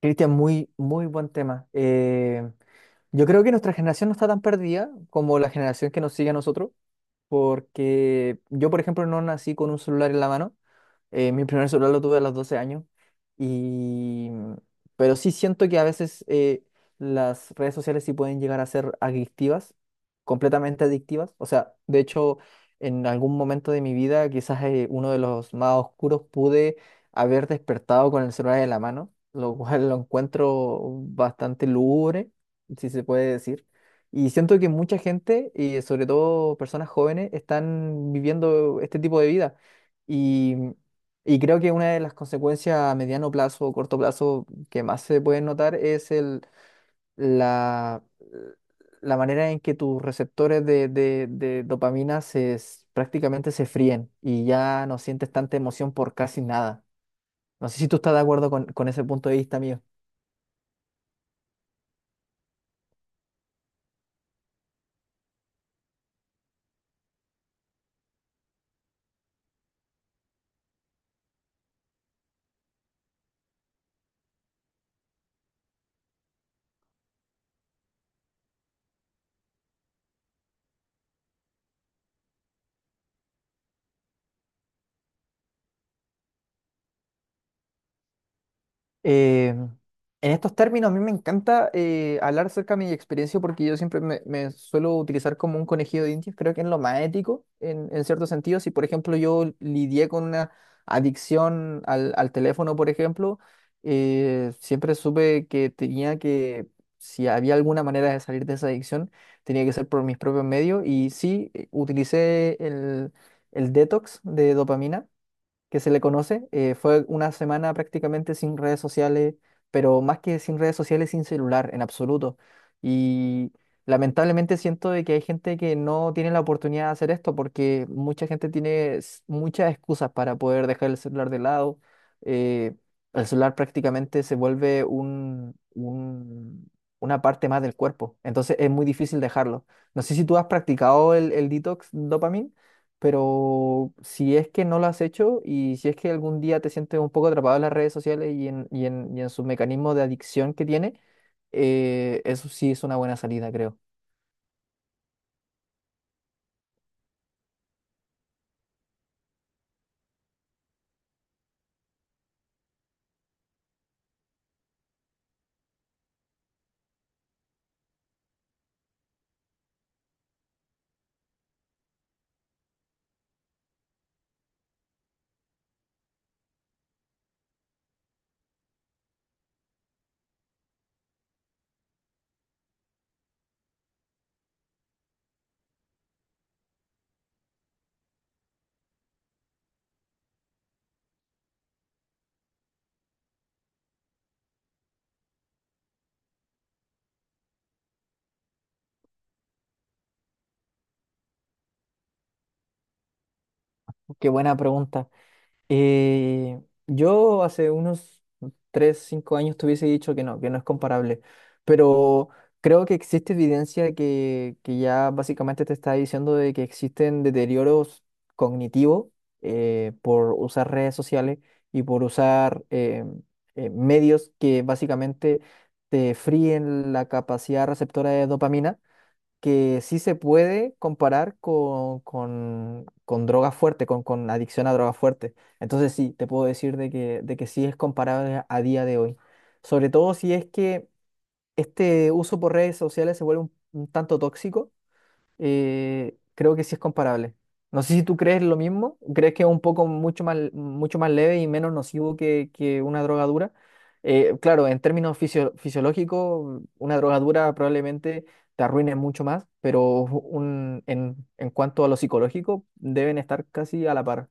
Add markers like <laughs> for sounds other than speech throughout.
Cristian, muy buen tema. Yo creo que nuestra generación no está tan perdida como la generación que nos sigue a nosotros, porque yo, por ejemplo, no nací con un celular en la mano. Mi primer celular lo tuve a los 12 años. Y, mm, pero sí siento que a veces las redes sociales sí pueden llegar a ser adictivas, completamente adictivas. O sea, de hecho, en algún momento de mi vida, quizás uno de los más oscuros, pude haber despertado con el celular en la mano, lo cual lo encuentro bastante lúgubre, si se puede decir. Y siento que mucha gente, y sobre todo personas jóvenes, están viviendo este tipo de vida. Y mm, y creo que una de las consecuencias a mediano plazo o corto plazo que más se pueden notar es la, la manera en que tus receptores de dopamina prácticamente se fríen y ya no sientes tanta emoción por casi nada. No sé si tú estás de acuerdo con ese punto de vista mío. Eh, en estos términos, a mí me encanta hablar acerca de mi experiencia porque yo siempre me suelo utilizar como un conejillo de indias. Creo que es lo más ético en cierto sentido. Si, por ejemplo, yo lidié con una adicción al teléfono, por ejemplo, siempre supe que tenía que, si había alguna manera de salir de esa adicción, tenía que ser por mis propios medios. Y sí, utilicé el detox de dopamina que se le conoce. Fue una semana prácticamente sin redes sociales, pero más que sin redes sociales, sin celular en absoluto. Y lamentablemente siento de que hay gente que no tiene la oportunidad de hacer esto porque mucha gente tiene muchas excusas para poder dejar el celular de lado. eh, el celular prácticamente se vuelve una parte más del cuerpo, entonces es muy difícil dejarlo. No sé si tú has practicado el detox dopamina, pero si es que no lo has hecho y si es que algún día te sientes un poco atrapado en las redes sociales y en sus mecanismos de adicción que tiene, eso sí es una buena salida, creo. Qué buena pregunta. Eh, yo hace unos 3 5 años te hubiese dicho que no es comparable, pero creo que existe evidencia que ya básicamente te está diciendo de que existen deterioros cognitivos por usar redes sociales y por usar medios que básicamente te fríen la capacidad receptora de dopamina, que sí se puede comparar con droga fuerte, con adicción a droga fuerte. Entonces sí, te puedo decir de que sí es comparable a día de hoy. Sobre todo si es que este uso por redes sociales se vuelve un tanto tóxico, creo que sí es comparable. No sé si tú crees lo mismo, crees que es un poco mucho más leve y menos nocivo que una droga dura. Claro, en términos fisiológicos, una droga dura probablemente te arruine mucho más, pero en cuanto a lo psicológico, deben estar casi a la par.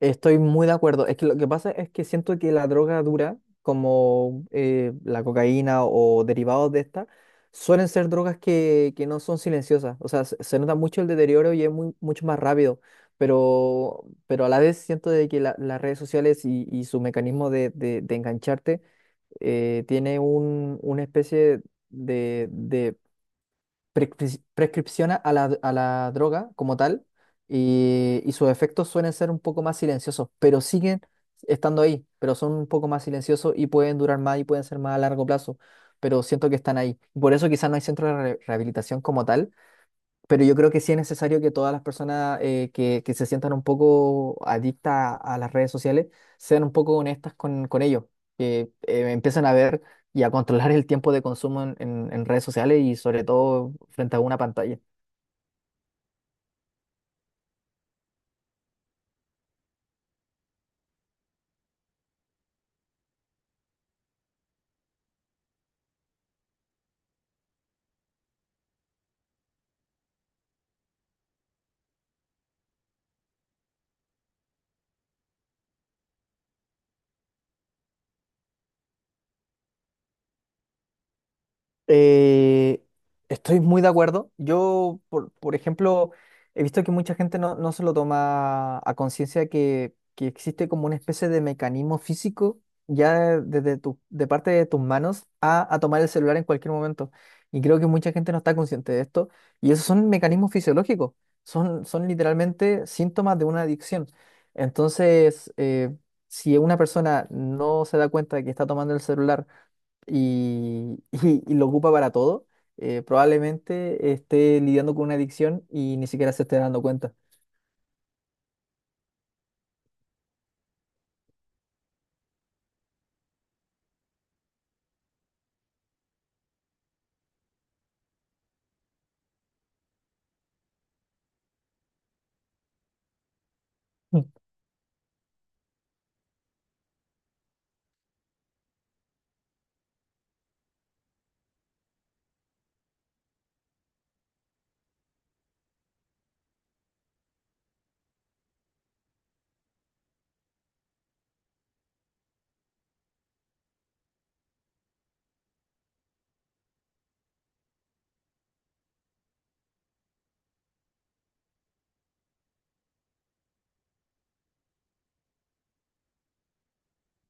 Estoy muy de acuerdo. Es que lo que pasa es que siento que la droga dura, como la cocaína o derivados de esta, suelen ser drogas que no son silenciosas. O sea, se nota mucho el deterioro y es muy, mucho más rápido. Pero a la vez siento de que las redes sociales y su mecanismo de engancharte tiene una especie de prescripciona a a la droga como tal y sus efectos suelen ser un poco más silenciosos, pero siguen estando ahí, pero son un poco más silenciosos y pueden durar más y pueden ser más a largo plazo, pero siento que están ahí. Por eso quizás no hay centro de rehabilitación como tal, pero yo creo que sí es necesario que todas las personas que se sientan un poco adictas a las redes sociales, sean un poco honestas con ello, que empiecen a ver y a controlar el tiempo de consumo en redes sociales y sobre todo frente a una pantalla. Eh, Estoy muy de acuerdo. Yo, por ejemplo, he visto que mucha gente no se lo toma a conciencia que existe como una especie de mecanismo físico ya desde tu, de parte de tus manos a tomar el celular en cualquier momento. Y creo que mucha gente no está consciente de esto. Y esos son mecanismos fisiológicos. Son literalmente síntomas de una adicción. Entonces, si una persona no se da cuenta de que está tomando el celular, y, <laughs> y lo ocupa para todo, probablemente esté lidiando con una adicción y ni siquiera se esté dando cuenta. Mm.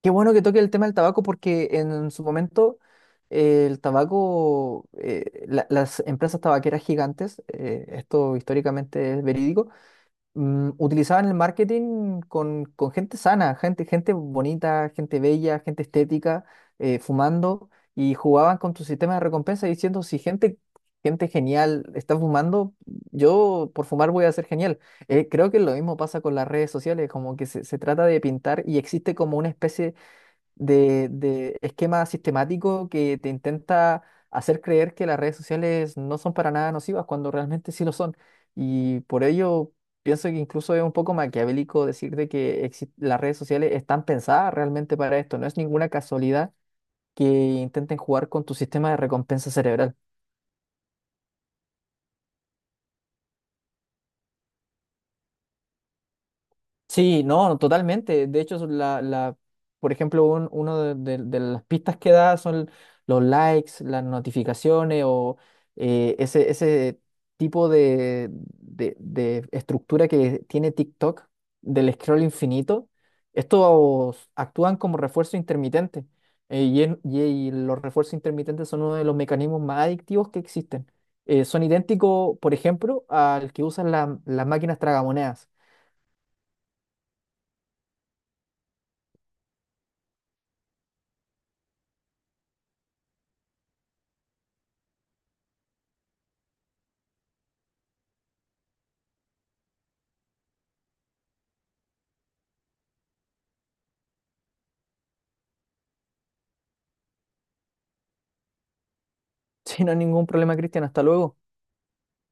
Qué bueno que toque el tema del tabaco porque en su momento el tabaco, las empresas tabaqueras gigantes, esto históricamente es verídico, utilizaban el marketing con gente sana, gente bonita, gente bella, gente estética, fumando, y jugaban con tu sistema de recompensa diciendo, si gente, gente genial está fumando, yo por fumar voy a ser genial. Creo que lo mismo pasa con las redes sociales, como que se trata de pintar y existe como una especie de esquema sistemático que te intenta hacer creer que las redes sociales no son para nada nocivas cuando realmente sí lo son. Y por ello pienso que incluso es un poco maquiavélico decir de que las redes sociales están pensadas realmente para esto. No es ninguna casualidad que intenten jugar con tu sistema de recompensa cerebral. Sí, no, totalmente. De hecho, son por ejemplo, uno de las pistas que da son los likes, las notificaciones o ese tipo de estructura que tiene TikTok del scroll infinito. Estos actúan como refuerzo intermitente, y los refuerzos intermitentes son uno de los mecanismos más adictivos que existen. Son idénticos, por ejemplo, al que usan las máquinas tragamonedas. Sin ningún problema, Cristian. Hasta luego.